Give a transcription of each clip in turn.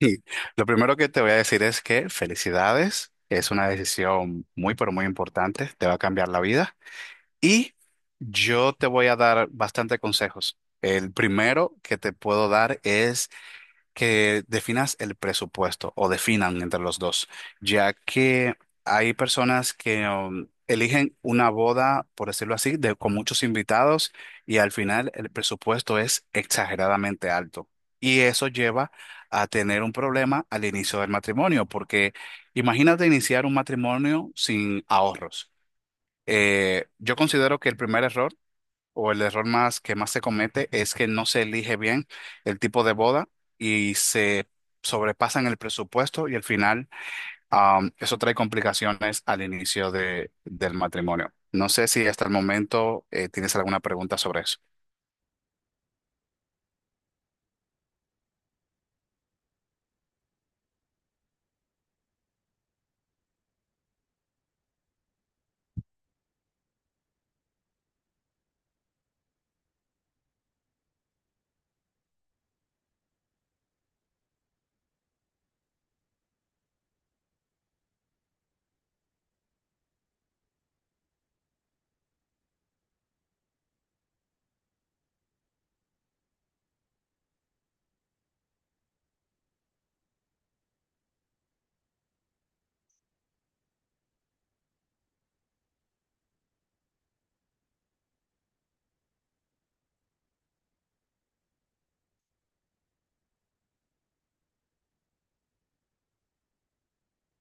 Sí, lo primero que te voy a decir es que felicidades, es una decisión muy, pero muy importante, te va a cambiar la vida y yo te voy a dar bastante consejos. El primero que te puedo dar es que definas el presupuesto o definan entre los dos, ya que hay personas que eligen una boda, por decirlo así, de, con muchos invitados y al final el presupuesto es exageradamente alto. Y eso lleva a tener un problema al inicio del matrimonio, porque imagínate iniciar un matrimonio sin ahorros. Yo considero que el primer error o el error más que más se comete es que no se elige bien el tipo de boda y se sobrepasan el presupuesto y al final eso trae complicaciones al inicio de, del matrimonio. No sé si hasta el momento tienes alguna pregunta sobre eso.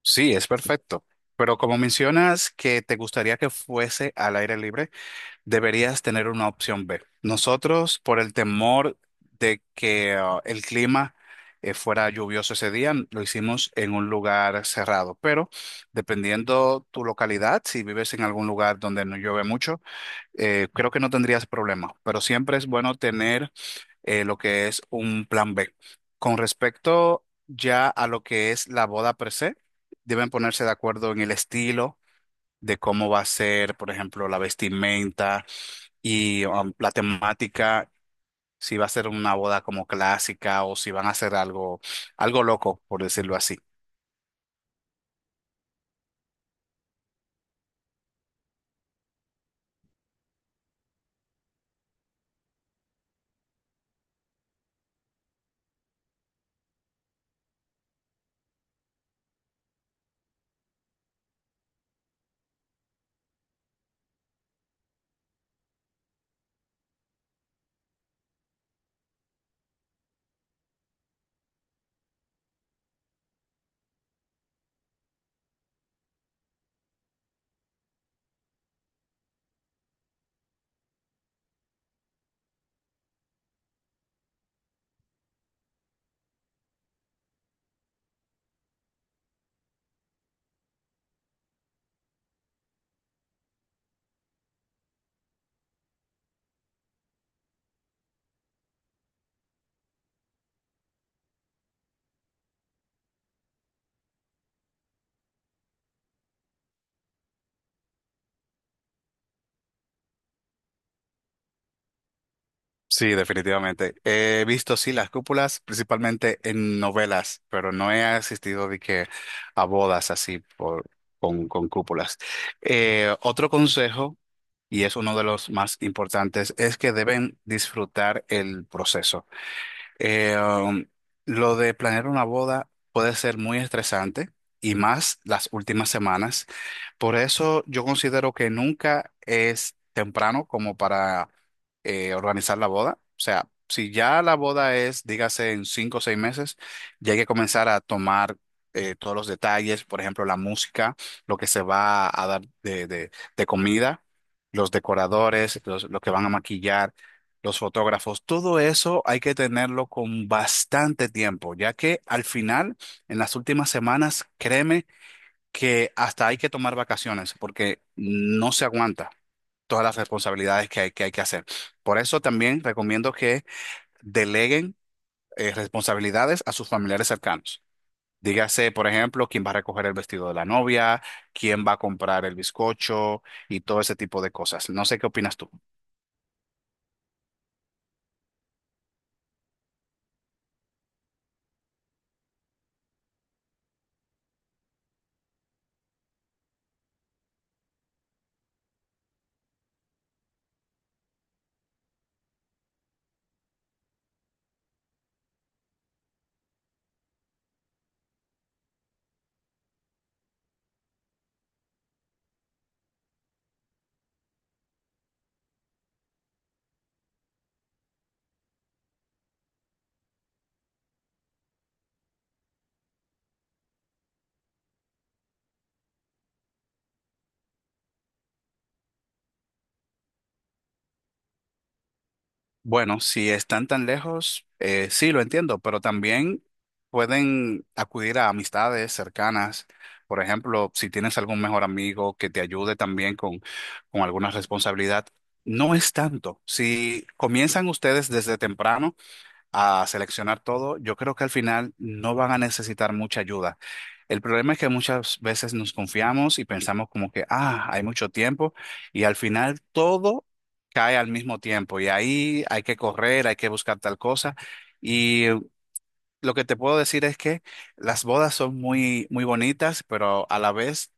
Sí, es perfecto. Pero como mencionas que te gustaría que fuese al aire libre, deberías tener una opción B. Nosotros, por el temor de que el clima fuera lluvioso ese día, lo hicimos en un lugar cerrado, pero dependiendo tu localidad, si vives en algún lugar donde no llueve mucho, creo que no tendrías problema, pero siempre es bueno tener lo que es un plan B. Con respecto ya a lo que es la boda per se, deben ponerse de acuerdo en el estilo de cómo va a ser, por ejemplo, la vestimenta y la temática, si va a ser una boda como clásica o si van a hacer algo, algo loco, por decirlo así. Sí, definitivamente. He visto, sí, las cúpulas, principalmente en novelas, pero no he asistido de que a bodas así por, con cúpulas. Otro consejo, y es uno de los más importantes, es que deben disfrutar el proceso. Eh, um, lo de planear una boda puede ser muy estresante y más las últimas semanas. Por eso yo considero que nunca es temprano como para organizar la boda. O sea, si ya la boda es, dígase, en 5 o 6 meses, ya hay que comenzar a tomar todos los detalles, por ejemplo, la música, lo que se va a dar de de comida, los decoradores, los, lo que van a maquillar los fotógrafos, todo eso hay que tenerlo con bastante tiempo, ya que al final, en las últimas semanas, créeme que hasta hay que tomar vacaciones porque no se aguanta todas las responsabilidades que hay hay que hacer. Por eso también recomiendo que deleguen responsabilidades a sus familiares cercanos. Dígase, por ejemplo, quién va a recoger el vestido de la novia, quién va a comprar el bizcocho y todo ese tipo de cosas. No sé qué opinas tú. Bueno, si están tan lejos, sí, lo entiendo, pero también pueden acudir a amistades cercanas. Por ejemplo, si tienes algún mejor amigo que te ayude también con alguna responsabilidad, no es tanto. Si comienzan ustedes desde temprano, a seleccionar todo, yo creo que al final no van a necesitar mucha ayuda. El problema es que muchas veces nos confiamos y pensamos como que, ah, hay mucho tiempo y al final todo cae al mismo tiempo y ahí hay que correr, hay que buscar tal cosa. Y lo que te puedo decir es que las bodas son muy, muy bonitas, pero a la vez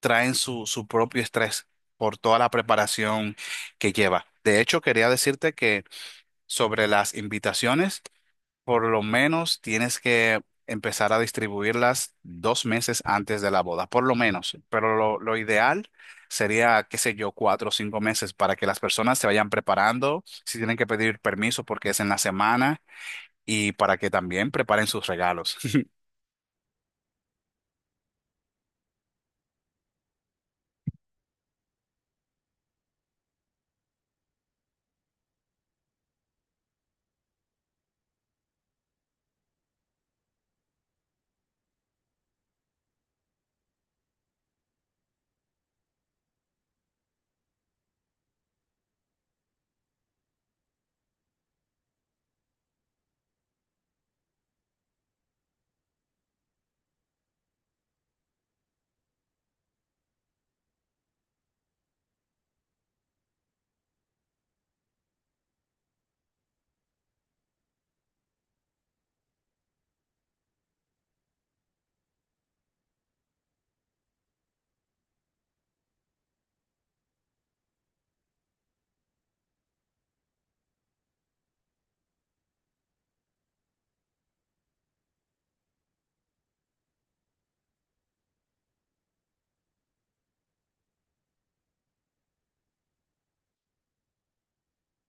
traen su, su propio estrés por toda la preparación que lleva. De hecho, quería decirte que sobre las invitaciones, por lo menos tienes que empezar a distribuirlas 2 meses antes de la boda, por lo menos. Pero lo ideal sería, qué sé yo, 4 o 5 meses para que las personas se vayan preparando, si tienen que pedir permiso porque es en la semana y para que también preparen sus regalos.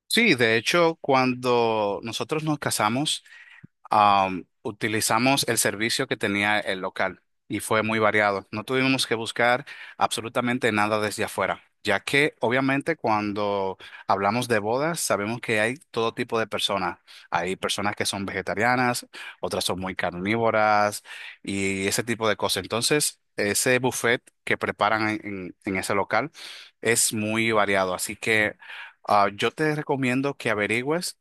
Sí, de hecho, cuando nosotros nos casamos, am, utilizamos el servicio que tenía el local y fue muy variado. No tuvimos que buscar absolutamente nada desde afuera, ya que obviamente cuando hablamos de bodas sabemos que hay todo tipo de personas. Hay personas que son vegetarianas, otras son muy carnívoras y ese tipo de cosas. Entonces, ese buffet que preparan en en ese local es muy variado. Así que yo te recomiendo que averigües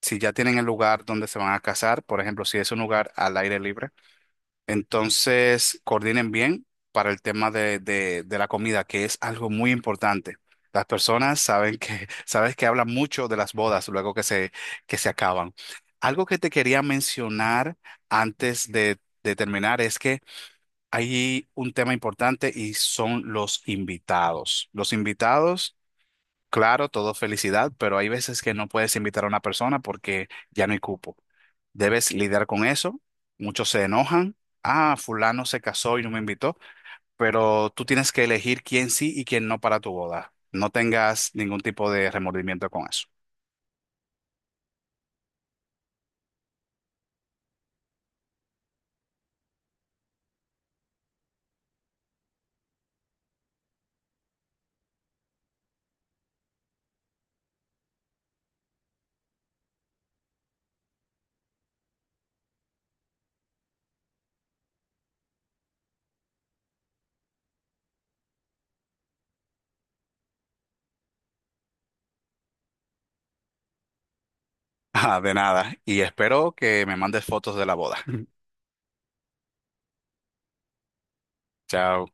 si ya tienen el lugar donde se van a casar, por ejemplo, si es un lugar al aire libre, entonces coordinen bien para el tema de de la comida, que es algo muy importante. Las personas saben que, sabes que hablan mucho de las bodas luego que se acaban. Algo que te quería mencionar antes de terminar es que hay un tema importante y son los invitados. Los invitados. Claro, todo felicidad, pero hay veces que no puedes invitar a una persona porque ya no hay cupo. Debes lidiar con eso. Muchos se enojan. Ah, fulano se casó y no me invitó, pero tú tienes que elegir quién sí y quién no para tu boda. No tengas ningún tipo de remordimiento con eso. Ah, de nada. Y espero que me mandes fotos de la boda. Chao.